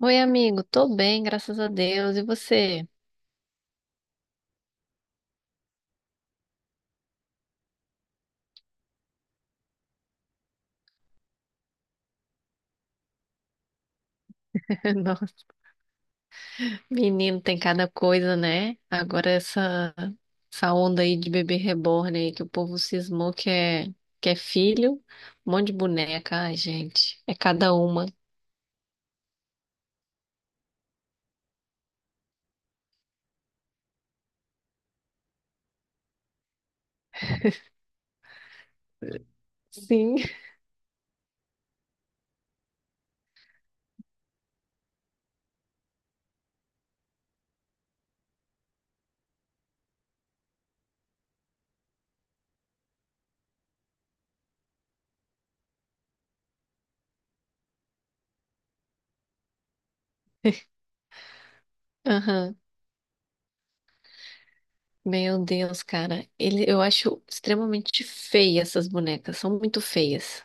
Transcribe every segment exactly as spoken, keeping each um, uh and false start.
Oi, amigo, tô bem, graças a Deus. E você? Nossa, menino, tem cada coisa, né? Agora essa, essa onda aí de bebê reborn aí que o povo cismou que é, que é filho, um monte de boneca, ai, gente, é cada uma. Sim. Aham. Meu Deus, cara. Ele, eu acho extremamente feia essas bonecas. São muito feias.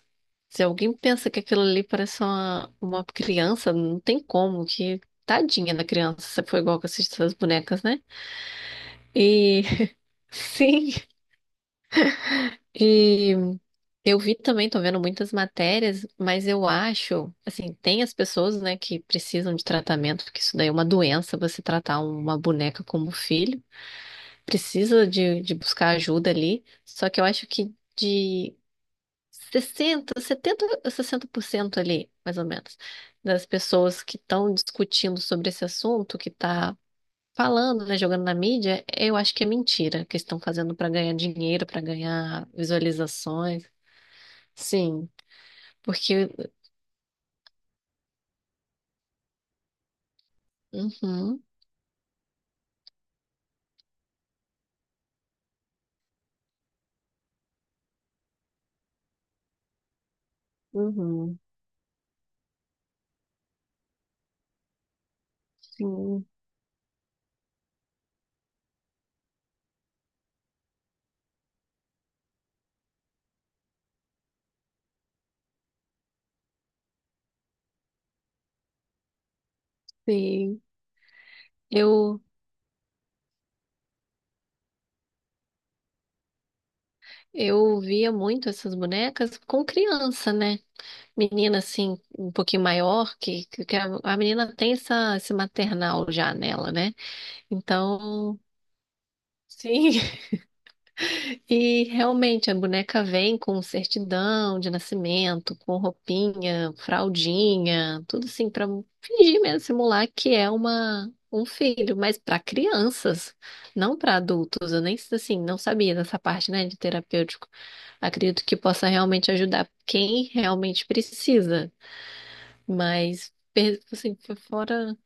Se alguém pensa que aquilo ali parece uma, uma criança, não tem como. Que tadinha da criança, se foi igual com essas essas bonecas, né? E sim. E eu vi também, tô vendo muitas matérias, mas eu acho, assim, tem as pessoas, né, que precisam de tratamento, porque isso daí é uma doença, você tratar uma boneca como filho. Precisa de, de buscar ajuda ali, só que eu acho que de sessenta setenta sessenta por cento ali, mais ou menos, das pessoas que estão discutindo sobre esse assunto, que está falando, né, jogando na mídia, eu acho que é mentira, que estão fazendo para ganhar dinheiro, para ganhar visualizações. Sim, porque, uhum, uhum, sim, sim. Eu eu via muito essas bonecas com criança, né? Menina assim, um pouquinho maior, que, que que a, a menina tem essa, esse maternal já nela, né? Então, sim, e realmente a boneca vem com certidão de nascimento, com roupinha, fraldinha, tudo assim, para fingir mesmo, simular que é uma. Um filho, mas para crianças, não para adultos. Eu nem assim, não sabia dessa parte, né, de terapêutico. Acredito que possa realmente ajudar quem realmente precisa. Mas, per- assim, foi fora.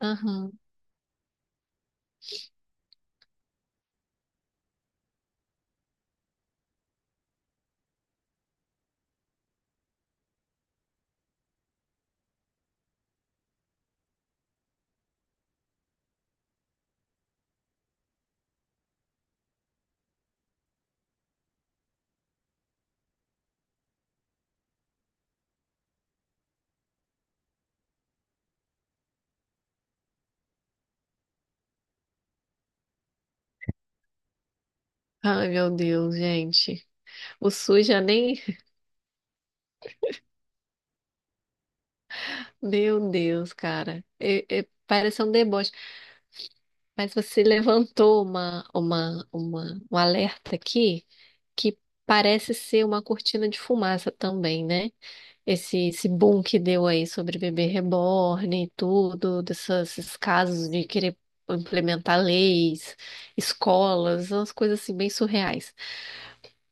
Aham. Ai, meu Deus, gente. O SUS já nem. Meu Deus, cara. É- é- parece um deboche. Mas você levantou uma, uma, uma, um alerta aqui que parece ser uma cortina de fumaça também, né? Esse, esse boom que deu aí sobre bebê reborn e tudo, dessas- desses casos de querer implementar leis, escolas, umas coisas assim bem surreais.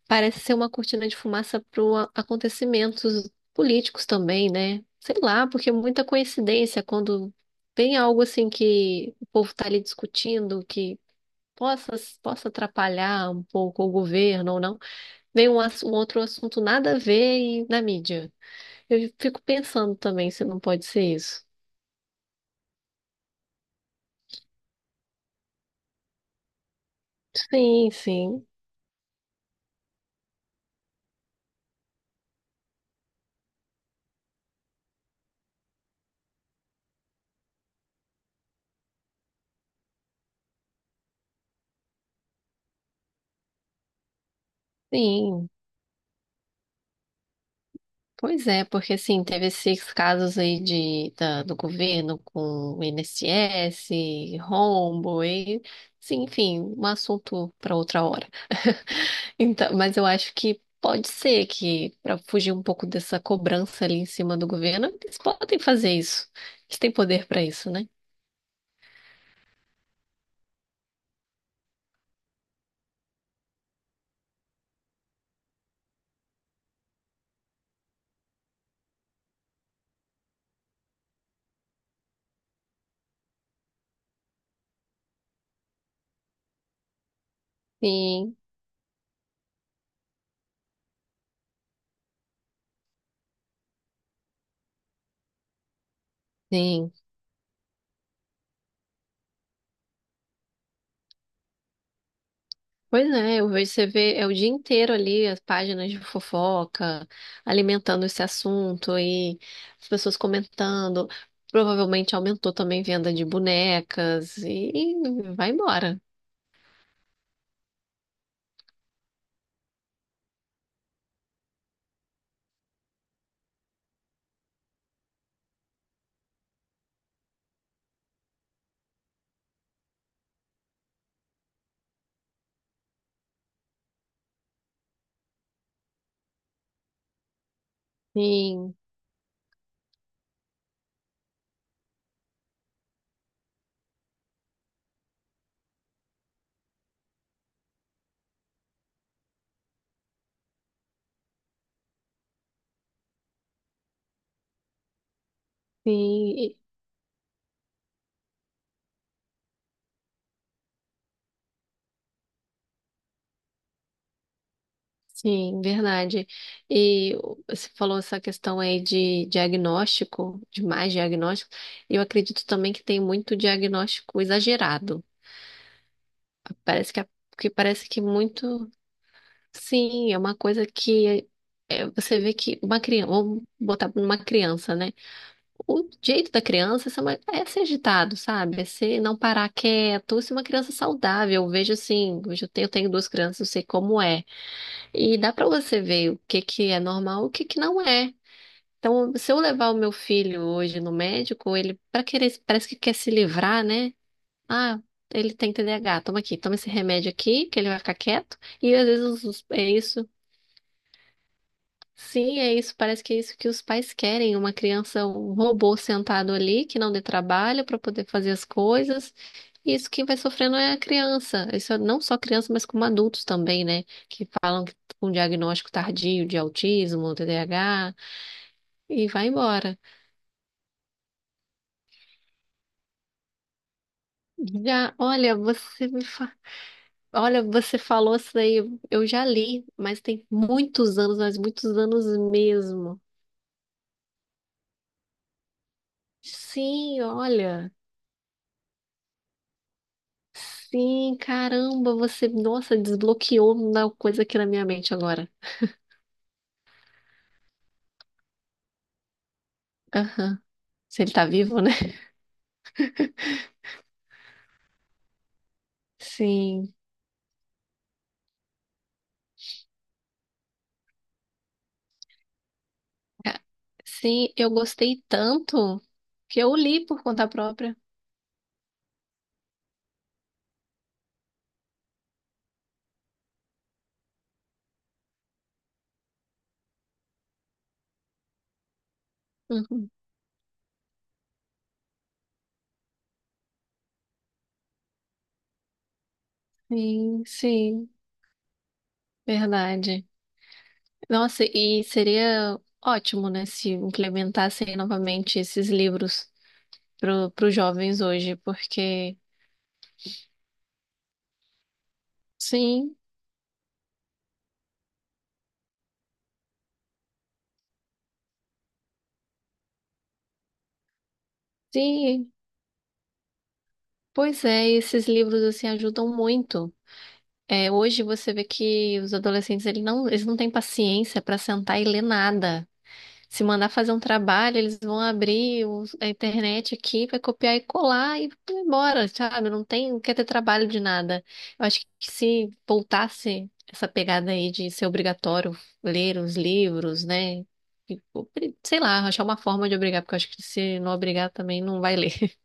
Parece ser uma cortina de fumaça para acontecimentos políticos também, né? Sei lá, porque é muita coincidência quando tem algo assim que o povo está ali discutindo, que possa, possa atrapalhar um pouco o governo ou não, vem um, ass- um outro assunto nada a ver e na mídia. Eu fico pensando também se não pode ser isso. Sim, sim, sim. Pois é, porque assim, teve esses casos aí de, da- do governo com o I N S S, rombo, e, sim, enfim, um assunto para outra hora. Então, mas eu acho que pode ser que, para fugir um pouco dessa cobrança ali em cima do governo, eles podem fazer isso. Eles têm poder para isso, né? Sim, sim. Pois é, eu vejo você vê é o dia inteiro ali as páginas de fofoca, alimentando esse assunto e as pessoas comentando. Provavelmente aumentou também venda de bonecas e vai embora. Sim, sim, e- sim, verdade. E você falou essa questão aí de diagnóstico, de mais diagnóstico. Eu acredito também que tem muito diagnóstico exagerado. Parece que, a- que parece que muito. Sim, é uma coisa que é, você vê que uma criança, vamos botar numa criança, né? O jeito da criança é ser uma- é ser agitado, sabe? É ser não parar quieto, ser uma criança saudável. Eu vejo assim, hoje eu tenho, eu tenho duas crianças, eu sei como é. E dá pra você ver o que que é normal, e o que que não é. Então, se eu levar o meu filho hoje no médico, ele para querer, parece que quer se livrar, né? Ah, ele tem T D A H, toma aqui, toma esse remédio aqui, que ele vai ficar quieto. E às vezes os- é isso. Sim, é isso. Parece que é isso que os pais querem, uma criança, um robô sentado ali, que não dê trabalho para poder fazer as coisas. E isso quem vai sofrendo é a criança. Isso é não só criança, mas como adultos também, né? Que falam que com diagnóstico tardio de autismo, T D A H, e vai embora. Já, olha, você me fa... olha, você falou isso daí, eu já li, mas tem muitos anos, mas muitos anos mesmo. Sim, olha. Sim, caramba, você, nossa, desbloqueou uma coisa aqui na minha mente agora. Aham. Se ele tá vivo, né? Sim. Ca- Sim, eu gostei tanto que eu li por conta própria. Uhum. Sim, sim, verdade. Nossa, e seria ótimo, né, se implementassem novamente esses livros para os jovens hoje, porque sim, sim, pois é, esses livros assim ajudam muito. É, hoje você vê que os adolescentes eles não, eles não têm paciência para sentar e ler nada. Se mandar fazer um trabalho, eles vão abrir o- a internet aqui, vai copiar e colar e vai embora, sabe? Não tem, não quer ter trabalho de nada. Eu acho que se voltasse essa pegada aí de ser obrigatório ler os livros, né? E, obri- sei lá, achar uma forma de obrigar, porque eu acho que se não obrigar também não vai ler.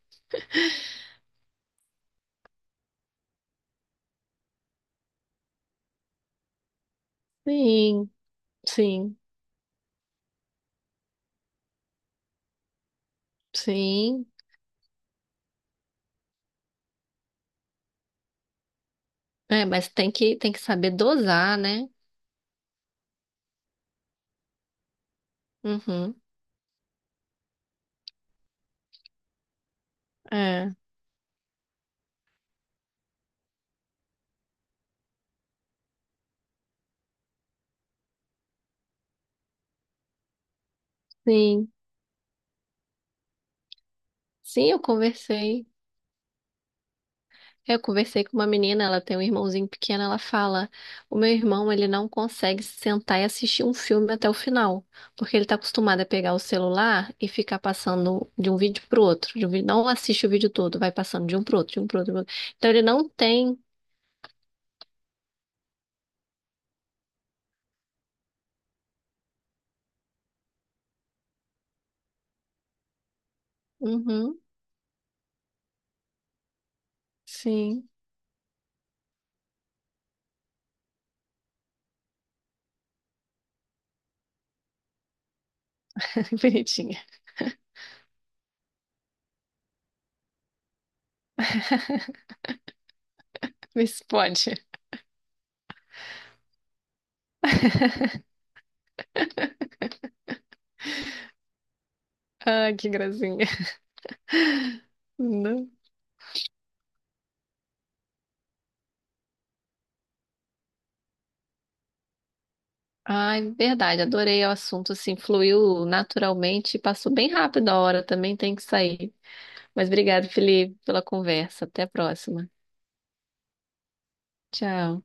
Sim, sim, sim. É, mas tem que, tem que saber dosar, né? Uhum. É, sim. Sim, eu conversei. Eu conversei com uma menina, ela tem um irmãozinho pequeno, ela fala: "O meu irmão, ele não consegue sentar e assistir um filme até o final, porque ele tá acostumado a pegar o celular e ficar passando de um vídeo pro outro, de um vídeo, não assiste o vídeo todo, vai passando de um pro outro, de um pro outro, pro outro. Então ele não tem." Uhum. Sim. Bonitinha. Vê se pode. Ai, que gracinha. Não. Ai, verdade, adorei o assunto, assim, fluiu naturalmente e passou bem rápido a hora, também tem que sair. Mas obrigado, Felipe, pela conversa. Até a próxima. Tchau.